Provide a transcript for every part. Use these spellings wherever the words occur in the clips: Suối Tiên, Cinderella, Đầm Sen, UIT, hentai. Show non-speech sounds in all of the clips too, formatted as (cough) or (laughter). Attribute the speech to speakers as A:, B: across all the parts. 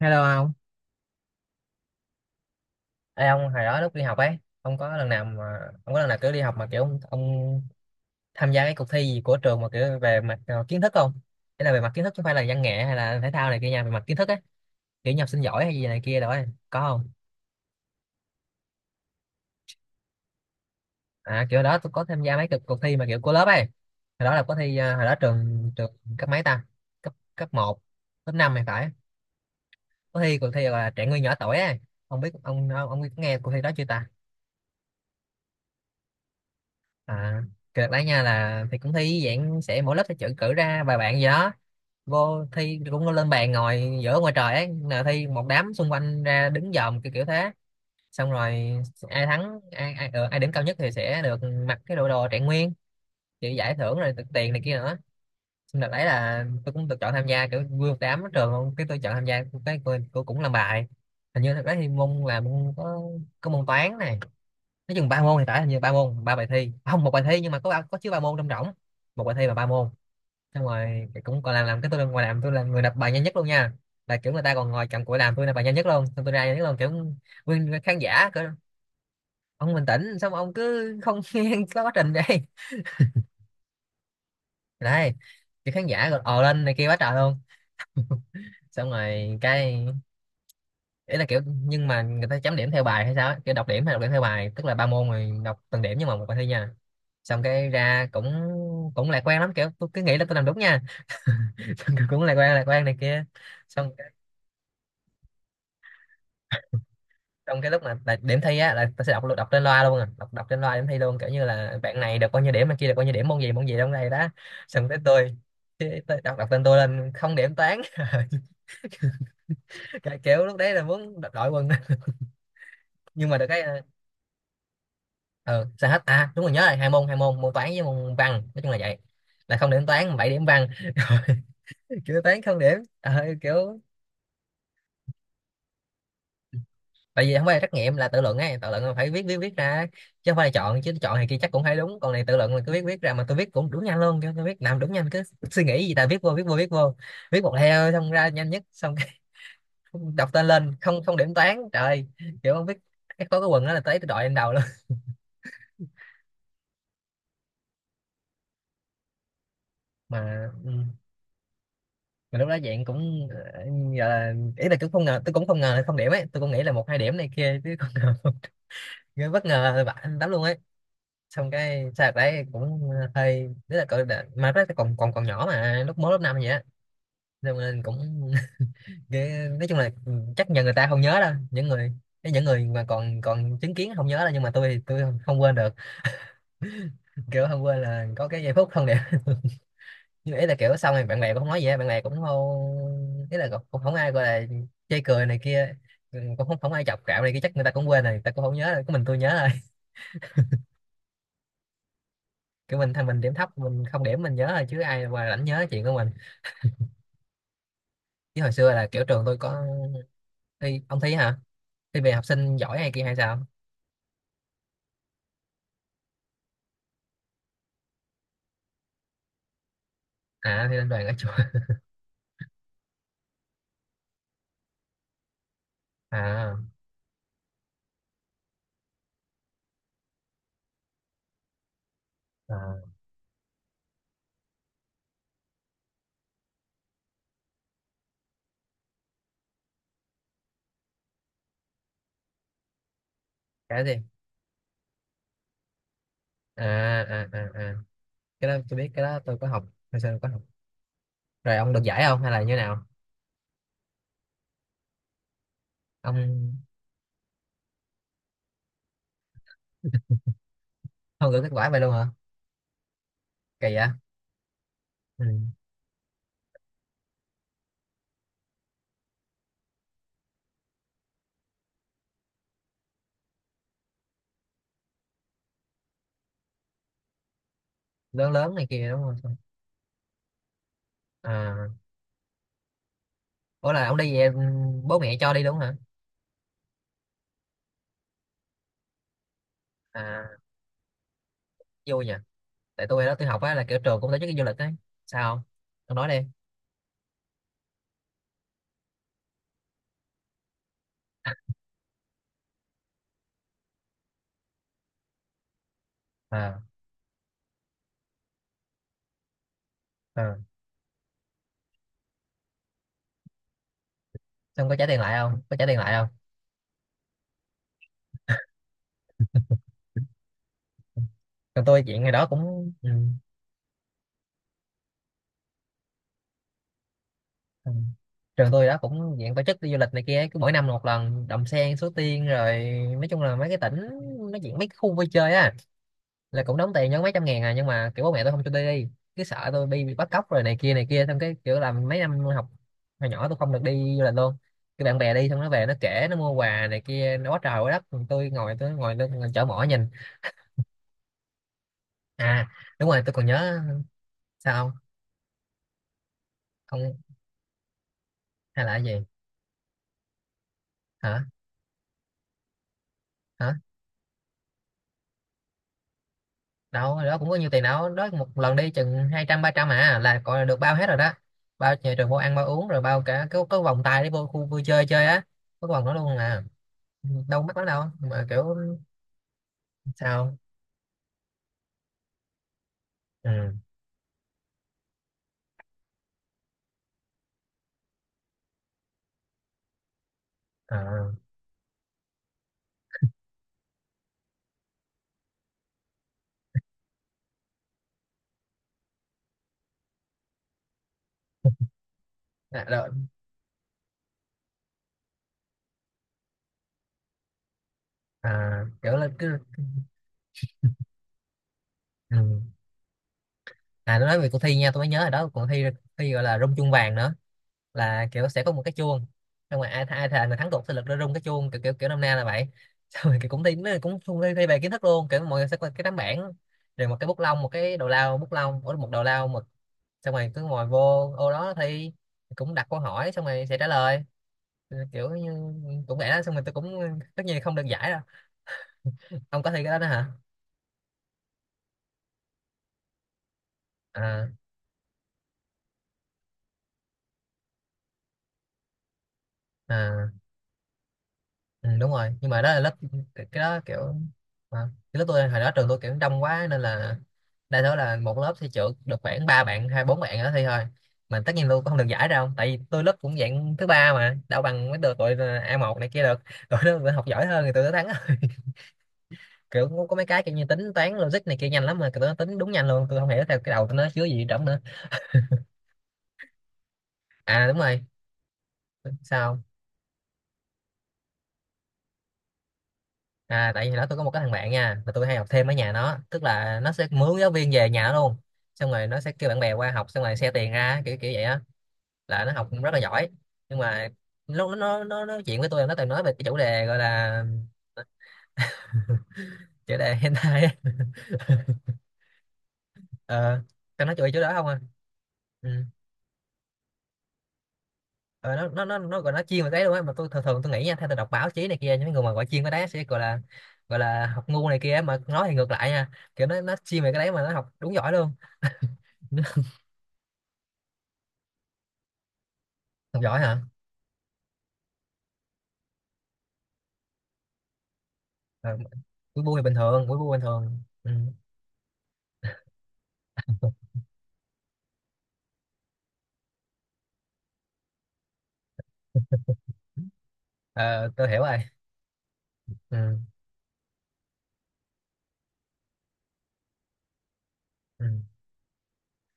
A: Hello ông. Ê, ông hồi đó lúc đi học ấy ông có lần nào mà ông có lần nào kiểu đi học mà kiểu ông tham gia cái cuộc thi gì của trường mà kiểu về mặt kiến thức không? Thế là về mặt kiến thức chứ không phải là văn nghệ hay là thể thao này kia nha, về mặt kiến thức á, kiểu nhập sinh giỏi hay gì này kia đó ấy. Có không? À, kiểu đó tôi có tham gia mấy cuộc thi mà kiểu của lớp ấy. Hồi đó là có thi hồi đó trường trường cấp mấy ta, cấp cấp một, cấp 5 thì phải. Có thi cuộc thi gọi là trẻ nguyên nhỏ tuổi ấy. Ông biết ông ông biết nghe cuộc thi đó chưa ta? À, cái đợt đấy nha là thì cũng thi dạng sẽ mỗi lớp sẽ chọn cử ra vài bạn gì đó vô thi, cũng lên bàn ngồi giữa ngoài trời ấy, là thi một đám xung quanh ra đứng dòm kiểu kiểu thế. Xong rồi ai thắng ai ai, ờ, ai điểm cao nhất thì sẽ được mặc cái đồ đồ trạng nguyên, chịu giải thưởng rồi được tiền này kia nữa. Xong đợt đấy là tôi cũng được chọn tham gia, kiểu vui một đám ở trường luôn, cái tôi chọn tham gia, cái tôi cũng làm bài, hình như thật đấy thì môn là môn có môn toán này, nói chừng ba môn thì phải, hình như ba môn ba bài thi. À, không, một bài thi nhưng mà có có chứa ba môn trong rỗng, một bài thi và ba môn. Xong rồi thì cũng còn làm cái tôi lên ngoài làm, tôi là người đọc bài nhanh nhất luôn nha, là kiểu người ta còn ngồi cầm cụi làm, tôi là bài nhanh nhất luôn, xong tôi ra nhanh nhất luôn kiểu nguyên khán giả kiểu, ông bình tĩnh xong ông cứ không (laughs) nghe có quá trình đây. Đấy, thì khán giả gọi ồ lên này kia quá trời luôn. Xong rồi cái ý là kiểu nhưng mà người ta chấm điểm theo bài hay sao á, kiểu đọc điểm hay đọc điểm theo bài, tức là ba môn rồi đọc từng điểm nhưng mà một bài thi nha. Xong cái ra cũng cũng lạc quan lắm, kiểu tôi cứ nghĩ là tôi làm đúng nha. (laughs) Xong kiểu cũng lạc quan này kia. Xong trong cái lúc mà tại điểm thi á là tôi sẽ đọc đọc trên loa luôn, à đọc đọc trên loa điểm thi luôn, kiểu như là bạn này được bao nhiêu điểm, bạn kia được bao nhiêu điểm, môn gì trong này đó. Xong tới tôi, tôi đọc đọc tên tôi lên, không điểm toán. (laughs) Cái kiểu lúc đấy là muốn đập đội quân. (laughs) Nhưng mà được cái ờ, sao hết à, đúng rồi nhớ rồi, hai môn môn toán với môn văn, nói chung là vậy, là không điểm toán 7 điểm văn. (laughs) Rồi kiểu toán không điểm. Ờ, kiểu tại vì không phải là trắc nghiệm, là tự luận ấy, tự luận là phải viết viết viết ra chứ không phải là chọn, chứ chọn thì kia chắc cũng thấy đúng, còn này tự luận là cứ viết viết ra mà tôi viết cũng đúng nhanh luôn, chứ tôi viết làm đúng nhanh, cứ suy nghĩ gì ta viết vô viết vô, viết một heo xong ra nhanh nhất. Xong cái (laughs) đọc tên lên không không điểm toán, trời. Kiểu không biết, cái có cái quần đó là tới tôi đội lên đầu luôn. (laughs) Mà mà lúc đó dạng cũng ờ, giờ là ý là cũng không ngờ, tôi cũng không ngờ là không điểm ấy, tôi cũng nghĩ là một hai điểm này kia chứ không ngờ. (laughs) Ghê bất ngờ bạn lắm luôn ấy. Xong cái sao đấy cũng hơi rất là cỡ mà rất là còn còn còn nhỏ mà lúc mới lớp năm vậy á. Xong nên cũng (laughs) nói chung là chắc nhờ người ta không nhớ đâu, những người, cái những người mà còn còn chứng kiến không nhớ đâu, nhưng mà tôi thì tôi không quên được. (laughs) Kiểu không quên là có cái giây phút không đẹp. (laughs) Nhưng ý là kiểu xong rồi bạn bè cũng không nói gì á, bạn bè cũng không, ý là cũng cũng không ai gọi là chê cười này kia. Ừ, cũng không không ai chọc cạo này kia, chắc người ta cũng quên rồi, người ta cũng không nhớ rồi, có mình tôi nhớ rồi. (laughs) Kiểu mình thằng mình điểm thấp, mình không điểm, mình nhớ rồi chứ ai mà rảnh nhớ chuyện của mình. Chứ hồi xưa là kiểu trường tôi có. Thi ông thi hả? Thi về học sinh giỏi hay kia hay sao? À, thi lên đoàn ở chùa. (laughs) À, à cái gì? À, à à à, cái đó tôi biết, cái đó tôi có học, hồi xưa tôi có học. Rồi ông được giải không hay là như nào? Ông không gửi kết quả vậy luôn hả? Kỳ vậy. Ừ. Lớn lớn này kia đúng không? À, ủa là ông đi về, ừ, bố mẹ cho đi đúng hả? À, vui nhỉ. Tại tôi đó tôi học á là kiểu trường cũng tổ chức cái du lịch ấy. Sao không? Ông nói đi. À, à. Xong có trả tiền lại không, có trả tiền lại không? Trường tôi chuyện ngày đó cũng ừ. Trường tôi đó cũng diện tổ chức đi du lịch này kia, cứ mỗi năm một lần Đầm Sen Suối Tiên rồi, nói chung là mấy cái tỉnh, nó diện mấy cái khu vui chơi á, là cũng đóng tiền nhớ mấy trăm ngàn à, nhưng mà kiểu bố mẹ tôi không cho tôi đi, cứ sợ tôi bị bắt cóc rồi này kia này kia, xong cái kiểu là mấy năm học hồi nhỏ tôi không được đi du lịch luôn. Cái bạn bè đi xong nó về nó kể, nó mua quà này kia nó quá trời quá đất. Còn tôi ngồi, tôi ngồi chở mỏ nhìn. À đúng rồi tôi còn nhớ. Sao? Không, không, hay là cái gì? Hả? Hả? Đâu hồi đó cũng có nhiều tiền đâu, đó một lần đi chừng hai trăm ba trăm à là gọi là được bao hết rồi đó, bao nhà trường vô ăn, bao uống, rồi bao cả cái vòng tay để vô khu vui chơi chơi á, có cái vòng đó luôn à, đâu mắc lắm đâu mà kiểu. Sao? Ừ, à, à, rồi, à kiểu là cứ, ừ. À tôi nói về cuộc thi nha, tôi mới nhớ rồi đó, cuộc thi, thi gọi là rung chuông vàng nữa, là kiểu sẽ có một cái chuông, xong rồi ai ai thề là thắng cuộc sẽ lực ra rung cái chuông kiểu kiểu kiểu năm nay là vậy. (laughs) Xong rồi kiểu cũng thi, nó cũng cũng thi, thi về kiến thức luôn, kiểu mọi người sẽ có cái tấm bảng rồi một cái bút lông, một cái đầu lao bút lông, ủa, một đầu lao mực. Xong rồi cứ ngồi vô ô đó thi, cũng đặt câu hỏi xong rồi sẽ trả lời. Ừ, kiểu như cũng vậy đó. Xong rồi tôi cũng, tất nhiên không được giải đâu. Ông có thi cái đó đó hả? À, à, ừ, đúng rồi nhưng mà đó là lớp, cái đó kiểu, mà cái lớp tôi hồi đó trường tôi kiểu đông quá nên là đa số là một lớp thi trượt được khoảng ba bạn hai bốn bạn đó thi thôi, mà tất nhiên tôi cũng không được giải đâu, tại vì tôi lớp cũng dạng thứ ba mà đâu bằng mấy đứa tụi a một này kia được. (laughs) Tụi nó học giỏi hơn thì tụi nó thắng. (laughs) Kiểu có mấy cái kiểu như tính toán logic này kia nhanh lắm mà tụi nó tính đúng nhanh luôn, tôi không hiểu theo cái đầu tụi nó chứa gì trong nữa. À đúng rồi. Sao? À tại vì đó tôi có một cái thằng bạn nha mà tôi hay học thêm ở nhà nó, tức là nó sẽ mướn giáo viên về nhà nó luôn, xong rồi nó sẽ kêu bạn bè qua học, xong rồi xe tiền ra kiểu kiểu vậy á, là nó học cũng rất là giỏi. Nhưng mà lúc nó nói chuyện với tôi, nó toàn nói về cái chủ đề gọi là chủ đề hentai á. (laughs) Ờ, tao nói chuyện chỗ đó không à. Ừ. Ờ, nó gọi nó chuyên về cái luôn á, mà tôi thường thường tôi nghĩ nha, theo tôi đọc báo chí này kia những người mà gọi chuyên cái đấy sẽ gọi là, gọi là học ngu này kia, mà nói thì ngược lại nha, kiểu nó chuyên về cái đấy mà nó học đúng giỏi luôn. Học giỏi hả? À, cuối bu thì bình thường, cuối bu bình thường, ừ. À, tôi hiểu rồi. Ừ. Ừ.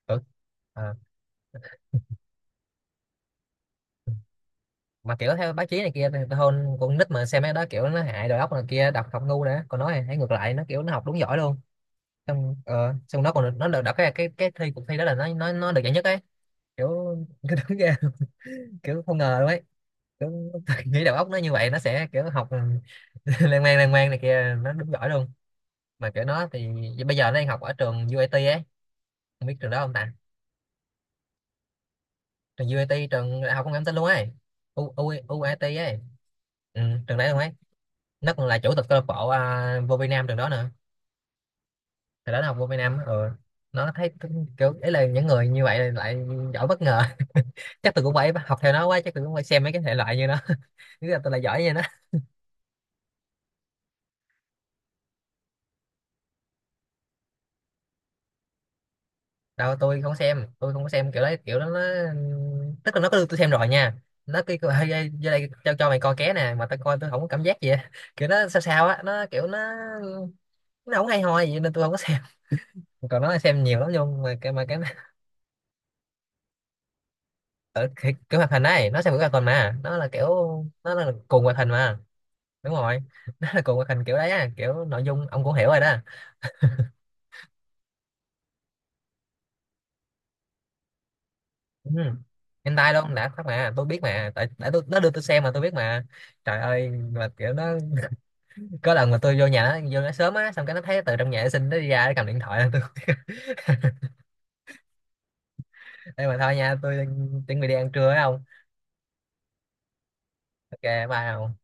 A: Ừ. À, mà kiểu theo báo chí này kia thì hơn con nít mà xem mấy đó kiểu nó hại đầu óc này kia đọc học ngu nữa, còn nó thì thấy ngược lại, nó kiểu nó học đúng giỏi luôn. Xong xong nó còn nó được đọc cái cái thi cuộc thi đó là nó được giải nhất ấy, kiểu (laughs) cái đúng ra (laughs) kiểu không ngờ luôn ấy, kiểu, tôi nghĩ đầu óc nó như vậy nó sẽ kiểu học (laughs) lan man này kia nó đúng giỏi luôn. Mà kiểu nó thì bây giờ nó đang học ở trường UAT ấy, không biết trường đó không ta, trường u UIT, trường đại học công nghệ thông tin luôn ấy, U, U, UIT ấy, ừ, trường đấy luôn ấy. Nó còn là chủ tịch câu lạc bộ à, vô Việt Nam trường đó nữa. Trường đó nó học vô Việt Nam, ừ. Nó thấy cũng kiểu ấy là những người như vậy lại giỏi bất ngờ. (laughs) Chắc tôi cũng phải học theo nó quá, chắc tôi cũng phải xem mấy cái thể loại như nó. (laughs) Nghĩ là tôi là giỏi như nó. Đâu tôi không xem, tôi không có xem kiểu đấy, kiểu đó nó, tức là nó có đưa tôi xem rồi nha, nó kêu kêu, "Ê, ê, vô đây cho mày coi ké nè, mà tao coi tôi không có cảm giác gì á." (laughs) Kiểu nó sao sao á, nó kiểu nó không hay ho gì nên tôi không có. Còn nó là xem nhiều lắm, nhưng mà cái (laughs) ở cái hoạt hình này, nó xem cái hoạt hình mà nó là kiểu, nó là cùng hoạt hình mà. Đúng rồi. (laughs) Nó là cùng hoạt hình kiểu đấy á, kiểu nội dung ông cũng hiểu rồi đó. Ừ. Hentai luôn đã phát mà tôi biết mà, tại tại tôi nó đưa tôi xem mà tôi biết mà. Trời ơi mà kiểu nó, có lần mà tôi vô nhà nó, vô nó sớm á, xong cái nó thấy từ trong nhà vệ sinh nó đi ra, nó cầm điện thoại lên tôi. (laughs) Đây mà thôi nha, tôi chuẩn bị đi ăn trưa phải không? Ok, bye không.